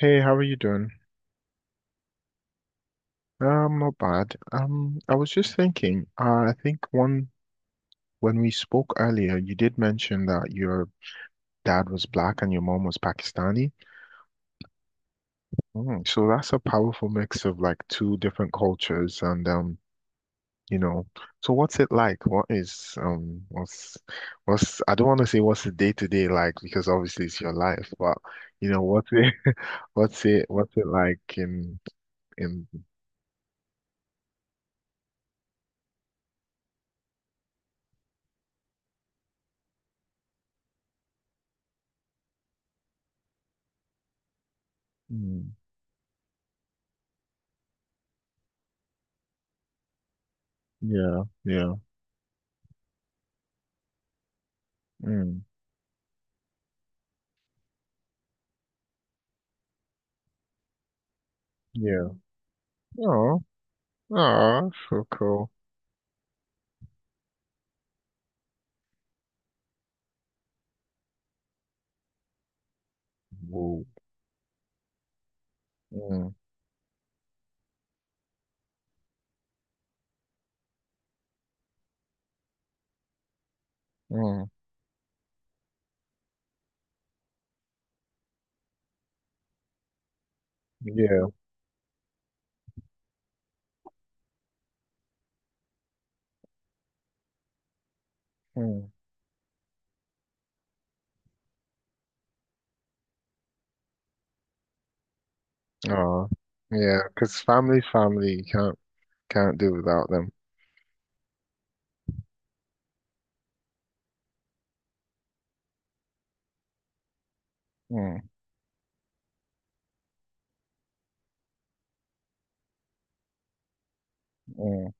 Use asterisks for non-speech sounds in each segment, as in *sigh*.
Hey, how are you doing? Not bad. I was just thinking, I think one when we spoke earlier, you did mention that your dad was black and your mom was Pakistani. Mm, so that's a powerful mix of like two different cultures you know, so what's it like? What is what's I don't want to say what's the day to day like because obviously it's your life, but what's it *laughs* what's it like in mm, yeah, yeah. Mm. Yeah. Oh, oh, that's so cool. Whoa. Mm, mm, yeah. Mm, oh, yeah. Because family's family. You can't do without them. Mm, mm,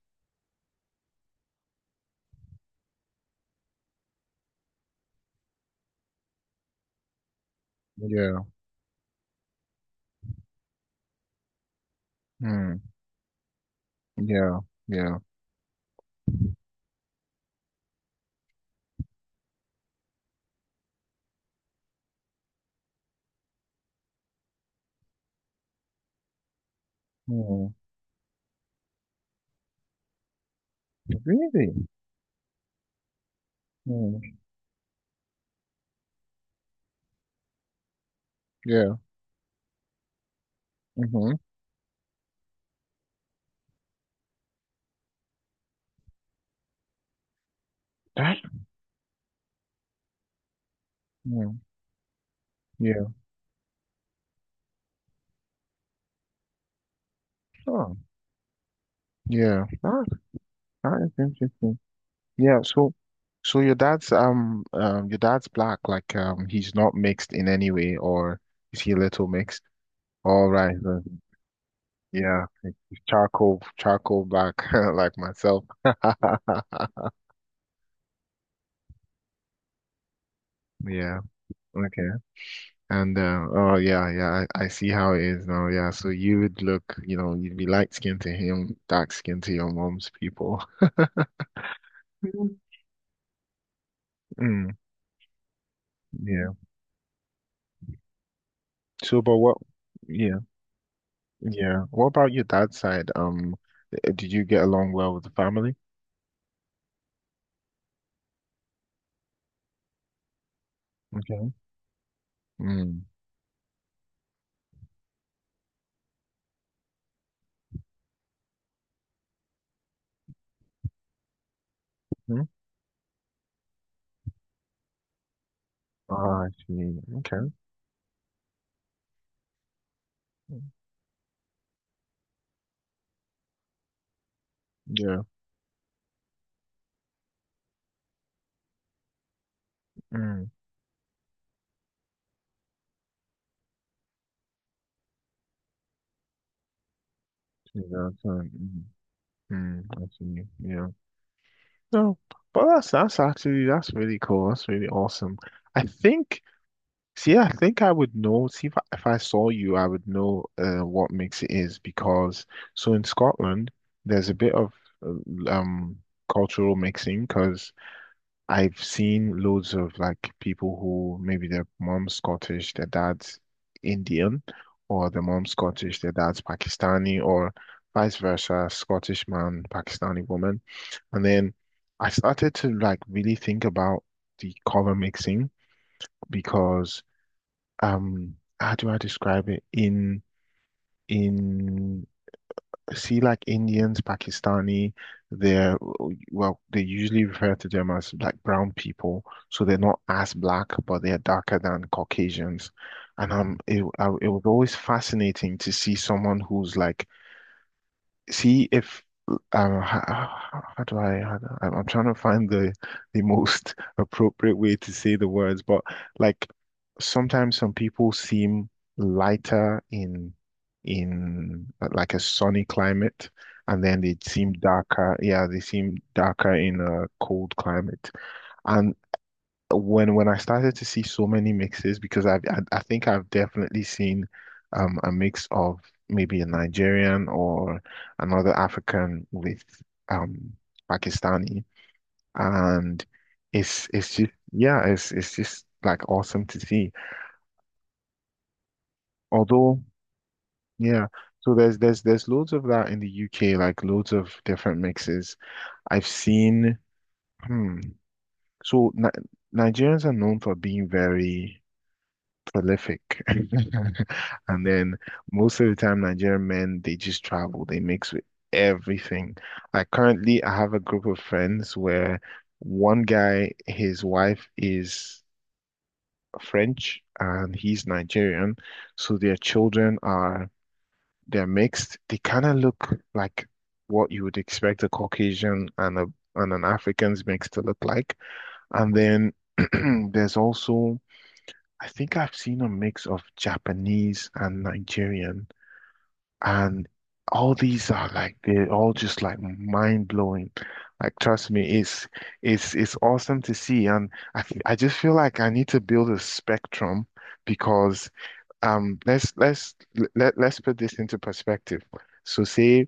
yeah. Mm, yeah. Yeah. Mm, really? Mm, yeah. Mm-hmm. That. Mm, yeah. Oh, yeah. That is interesting. Yeah. So, so your dad's your dad's black. Like he's not mixed in any way, or is he a little mixed? All right. Yeah, like, charcoal black *laughs* like myself. *laughs* Yeah. Okay. And oh yeah, yeah, I see how it is now. Yeah. So you would look, you know, you'd be light skinned to him, dark skinned to your mom's people. Mhm. Mm, yeah. So, but what? Yeah, yeah. What about your dad's side? Did you get along well with the family? Okay. Mm. Hmm? Ah, I see. Okay. Yeah. Mm. To your dad's side. Mm. Mm. I see. Yeah. No, but that's actually that's really cool. That's really awesome. I think, see, I think I would know. See, if I saw you, I would know what mix it is because so in Scotland, there's a bit of uh, um cultural mixing because I've seen loads of like people who maybe their mom's Scottish, their dad's Indian, or their mom's Scottish, their dad's Pakistani, or vice versa, Scottish man, Pakistani woman. And then I started to like really think about the color mixing because how do I describe it? In See, like Indians, Pakistani, they're well, they usually refer to them as like brown people. So they're not as black, but they're darker than Caucasians. And it was always fascinating to see someone who's like see if how, how do I- am I'm trying to find the most *laughs* appropriate way to say the words, but like sometimes some people seem lighter in like a sunny climate, and then they seem darker. Yeah, they seem darker in a cold climate, and when I started to see so many mixes because I think I've definitely seen a mix of maybe a Nigerian or another African with um Pakistani, and it's just like awesome to see, although yeah, so there's loads of that in the UK, like loads of different mixes I've seen. Hmm. so Ni Nigerians are known for being very prolific. *laughs* And then most of the time, Nigerian men, they just travel, they mix with everything. Like currently, I have a group of friends where one guy, his wife is French and he's Nigerian. So their they're mixed. They kind of look like what you would expect a Caucasian and a and an African's mix to look like. And then *clears throat* there's also I think I've seen a mix of Japanese and Nigerian, and all these are like they're all just like mind blowing. Like trust me, it's awesome to see, and I just feel like I need to build a spectrum because um let's let's let let's put this into perspective. So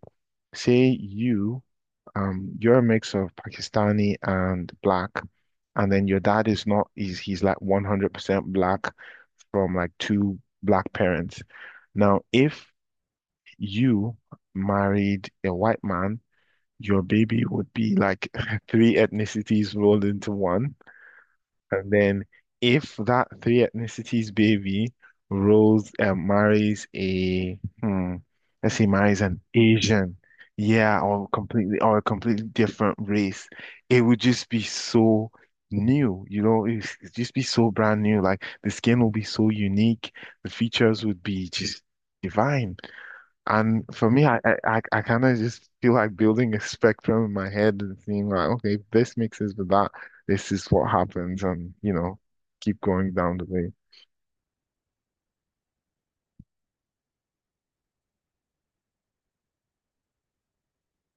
say you you're a mix of Pakistani and black, and then your dad is not he's he's like 100% black from like two black parents. Now, if you married a white man, your baby would be like *laughs* three ethnicities rolled into one. And then if that three ethnicities baby rolls and marries a hmm, let's say marries an Asian, yeah, or completely or a completely different race, it would just be so new, you know, it'd just be so brand new. Like the skin will be so unique, the features would be just divine. And for me, I kind of just feel like building a spectrum in my head and seeing like, okay, if this mixes with that, this is what happens, and you know, keep going down the way.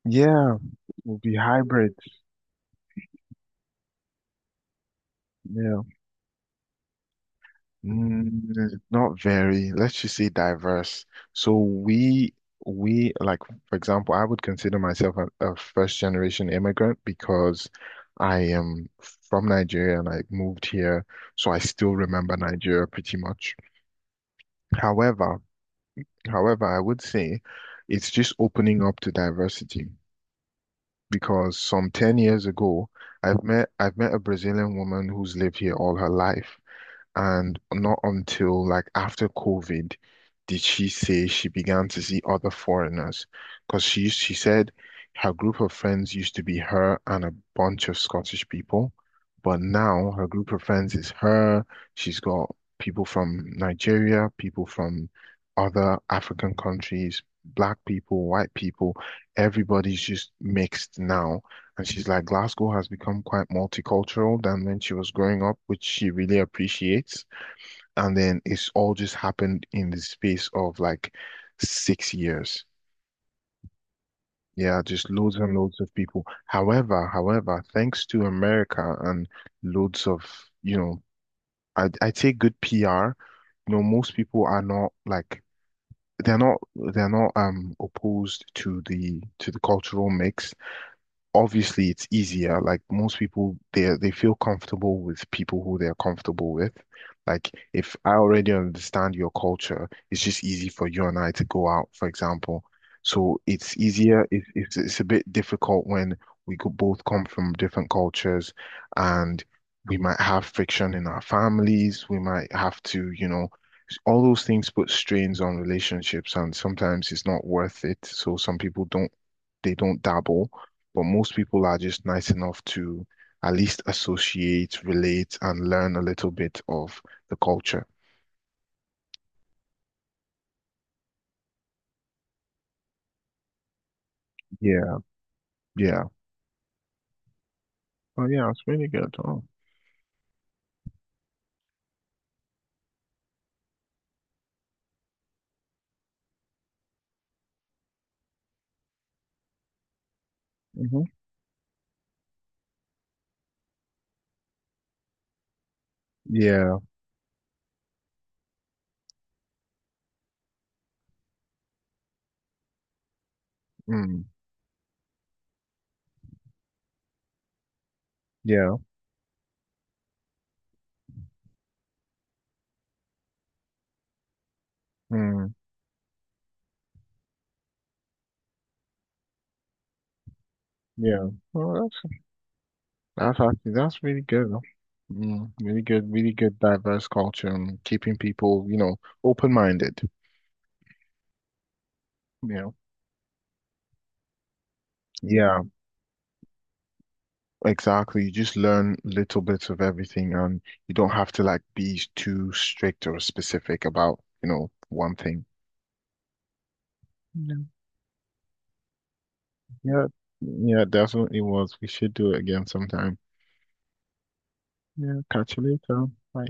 Yeah, will be hybrid. Yeah, mm, not very. Let's just say diverse. So we we like, for example, I would consider myself a first generation immigrant because I am from Nigeria and I moved here, so I still remember Nigeria pretty much. However, I would say it's just opening up to diversity because some 10 years ago, I've met a Brazilian woman who's lived here all her life. And not until like after COVID did she say she began to see other foreigners. Because she said her group of friends used to be her and a bunch of Scottish people, but now her group of friends is her. She's got people from Nigeria, people from other African countries, black people, white people. Everybody's just mixed now. And she's like, Glasgow has become quite multicultural than when she was growing up, which she really appreciates. And then it's all just happened in the space of like 6 years. Yeah, just loads and loads of people. However, thanks to America and loads of, you know, I say good PR, you know, most people are not they're not they're not opposed to the cultural mix. Obviously it's easier. Like most people, they feel comfortable with people who they're comfortable with. Like if I already understand your culture, it's just easy for you and I to go out, for example. So it's easier. It's a bit difficult when we could both come from different cultures, and we might have friction in our families. We might have to, you know. All those things put strains on relationships, and sometimes it's not worth it. So some people don't they don't dabble, but most people are just nice enough to at least associate, relate, and learn a little bit of the culture. Yeah, yeah. Oh, yeah, it's really good. Oh, hmm. Yeah, mm, yeah, mm, yeah. Oh, that's that's actually that's really good. Mm, really good, really good diverse culture and keeping people, you know, open-minded. Yeah. Yeah. Exactly. You just learn little bits of everything, and you don't have to like be too strict or specific about, you know, one thing. Yeah. Yeah. Yeah, definitely was. We should do it again sometime. Yeah, catch you later. Bye.